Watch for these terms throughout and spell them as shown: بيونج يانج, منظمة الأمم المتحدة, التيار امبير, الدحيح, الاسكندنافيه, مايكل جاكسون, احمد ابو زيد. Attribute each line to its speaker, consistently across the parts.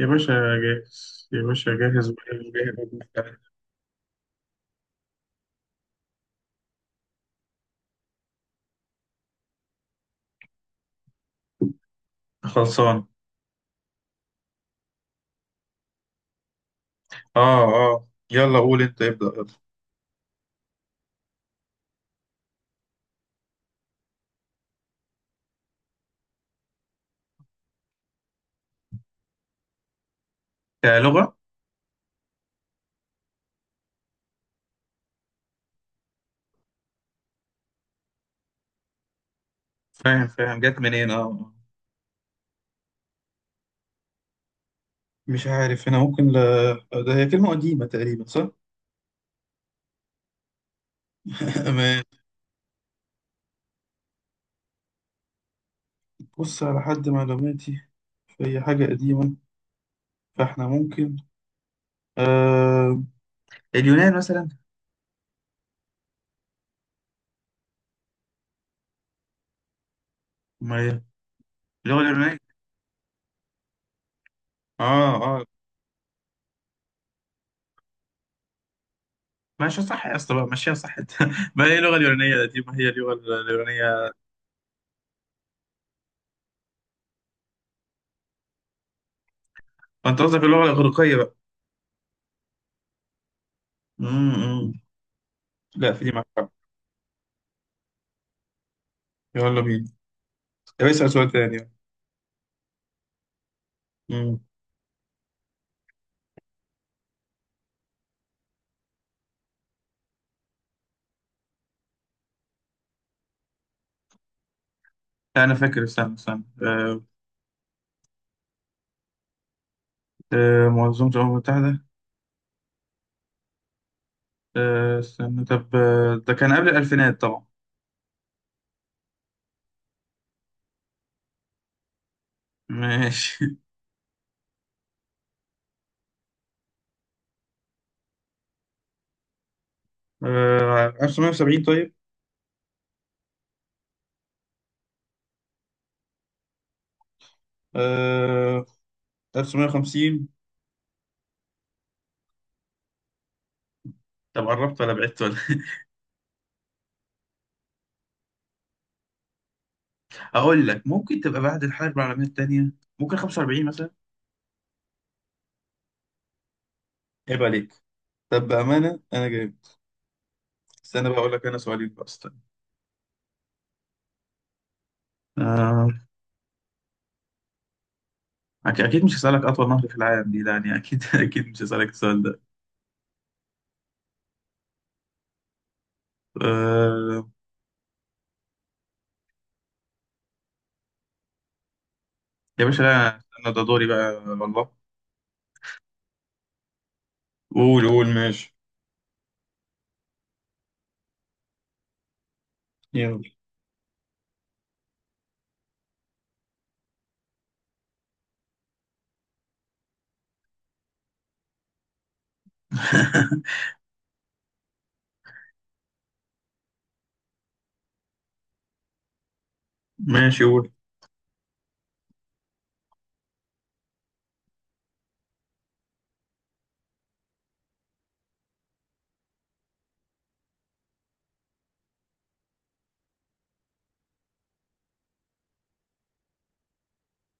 Speaker 1: يا باشا، جاهز يا باشا، جاهز وجاهز وجاهز. خلصان. اه اه، يلا قول انت ابدأ. يلا كلغة. فاهم فاهم، جت منين اه آه. مش عارف انا ممكن ده هي كلمة قديمة تقريبا، صح؟ أمان. بص، على حد معلوماتي في أي حاجة قديمة فاحنا ممكن آه... اليونان مثلا. ما هي اللغة اليونانية. اه اه. ماشي، صح يا اسطى بقى، ماشيها صح انت. ما هي اللغة اليونانية دي، ما هي اللغة اليونانية. انت قصدك اللغة الإغريقية بقى. أمم. لا، في دي معاك. يلا بينا. طب اسأل سؤال تاني. مم. أنا فاكر، استنى استنى منظمة الأمم المتحدة. استنى، طب ده كان قبل الألفينات طبعا. ماشي 1970؟ طيب. آه، 1950. طب قربت ولا بعدت ولا أقول لك؟ ممكن تبقى بعد الحرب العالمية التانية، ممكن 45 مثلا. عيب عليك. طب بأمانة أنا جايب، استنى بقى أقول لك، أنا سؤالين بقى، استنى. آه، أكيد أكيد مش هسألك أطول نهر في العالم دي، يعني أكيد أكيد مش هسألك السؤال ده. آه، يا باشا لا، استنى، ده دوري بقى والله. قول قول، ماشي. يلا ماشي، قول.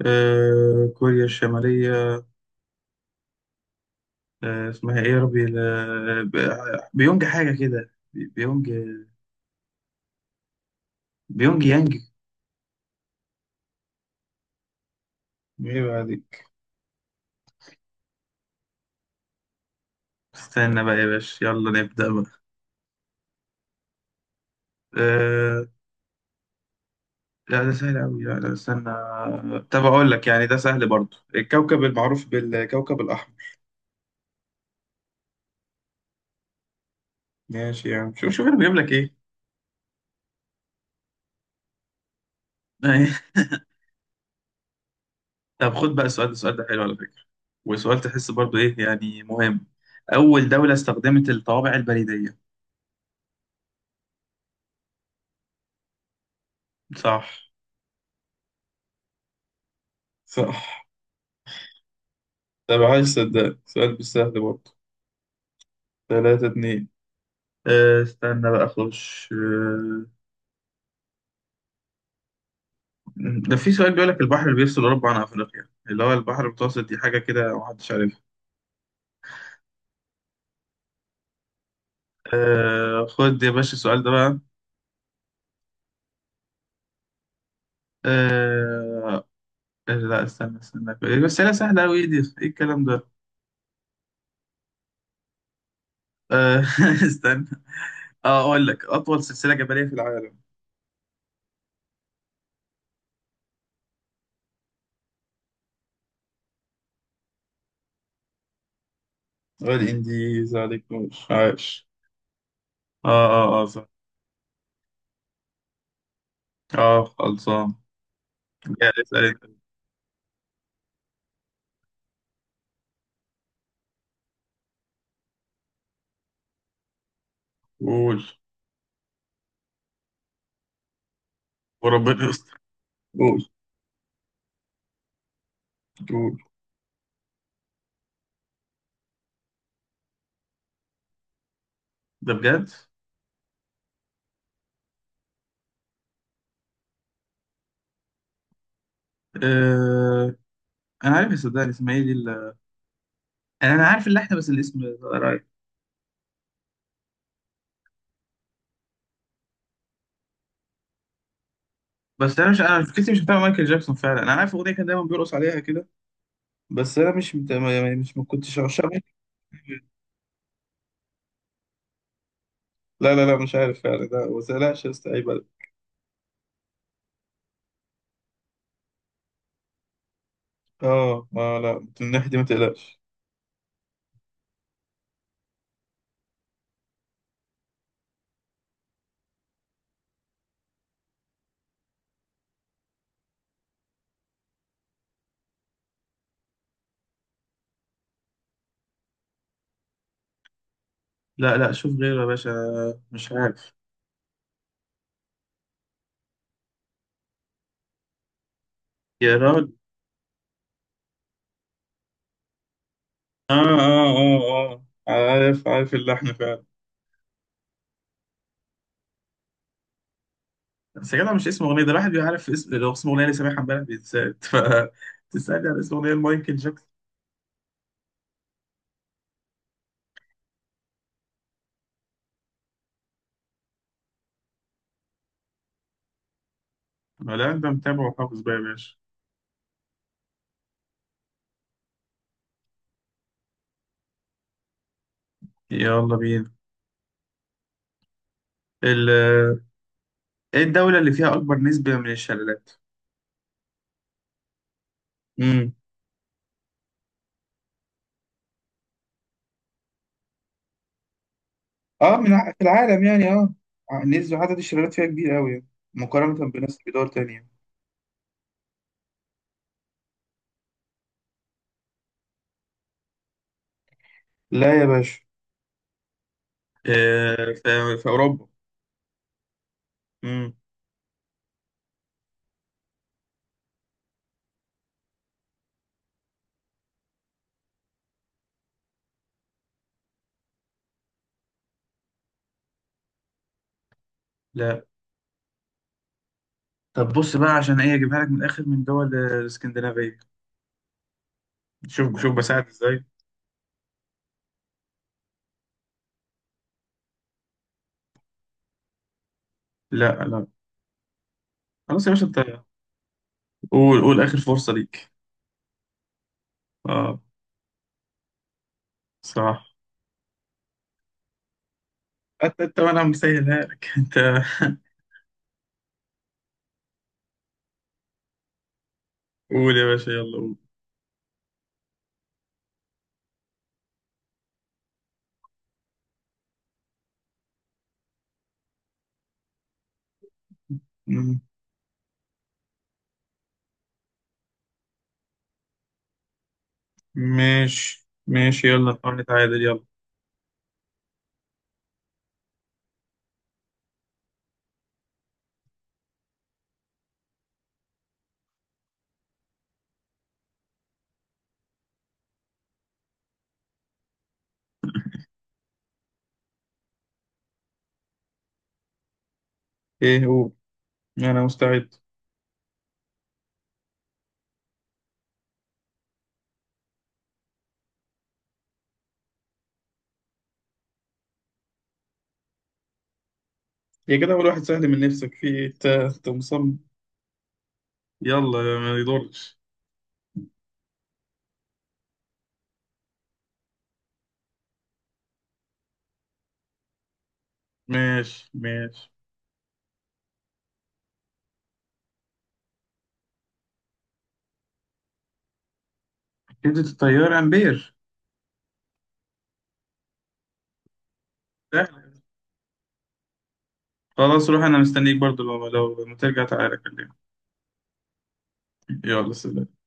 Speaker 1: آه، كوريا الشمالية. آه، اسمها ايه يا ربي؟ بيونج حاجة كده، بيونج، بيونج يانج. ايه بقى دي؟ استنى بقى يا باشا، يلا نبدأ بقى. آه لا، ده سهل أوي، لا لا استنى. طب أقول لك، يعني ده سهل برضه، الكوكب المعروف بالكوكب الأحمر. ماشي يعني، شوف شوف أنا بجيب لك إيه. طب خد بقى السؤال ده، السؤال ده حلو على فكرة. وسؤال تحس برضو ايه، يعني مهم. أول دولة استخدمت الطوابع البريدية. صح صح. طب عايز صدق، سؤال مش سهل برضه. ثلاثة اتنين. استنى بقى أخش. ده في سؤال بيقول لك البحر اللي بيفصل أوروبا عن أفريقيا اللي هو البحر المتوسط، دي حاجة كده محدش عارفها. خد يا باشا السؤال ده بقى. أه، لا استنى استنى، بس هي سهلة أوي. إيه دي، إيه الكلام ده؟ أه، استنى. اه، اقول لك اطول سلسله جبليه في العالم. والانديز، عليك نور، عاش. اه اه اه، صح. اه خلصان. جاي اسال انت. قول، وربنا يستر. قول قول. ده بجد؟ آه انا عارف صدقني، اسمها ايه دي انا، عارف اللحن بس الاسم رايح. بس انا فكرتي مش بتاع مايكل جاكسون فعلا، انا عارف الاغنيه، كان دايما بيرقص عليها كده. بس انا مش مت... ما- مش ما كنتش عشان. لا لا لا مش عارف فعلا، لا، ما تقلقش يا اسطى، عيب عليك. اه ما لا، من الناحيه دي ما تقلقش. لا لا، شوف غيره يا باشا، مش عارف. يا راجل. آه آه آه آه، عارف عارف اللحن فعلا. بس يا جدع، مش اسم أغنية ده، الواحد بيعرف اسم لو اسم أغنية اللي سامعها امبارح بيتسال، ف تسألني على اسم أغنية مايكل جاكسون. لا، أنت متابع وحافظ بقى يا باشا. يلا بينا. ال... إيه الدولة اللي فيها أكبر نسبة من الشلالات؟ امم. اه، في العالم يعني، اه. نسبة عدد الشلالات فيها كبير قوي، يعني مقارنة بدول تانية. لا يا باشا. في أوروبا. امم. لا، طب بص بقى، عشان ايه اجيبها لك من الاخر، من دول الاسكندنافيه. شوف شوف، بساعد ازاي. لا لا، خلاص يا باشا انت. قول قول، اخر فرصه ليك. اه. صح. انت وانا مسهلها لك. انت. قول يا باشا، يلا قول. مم. ماشي ماشي، يلا نحاول نتعادل، يلا. ايه هو؟ انا مستعد. يا كده اول واحد سهل من نفسك، في ايه انت مصمم؟ يلا، ما يضرش. ماشي ماشي. كده التيار امبير. سهل. خلاص روح، انا مستنيك برضو. لو ما ترجع تعالى كلمني. يلا سلام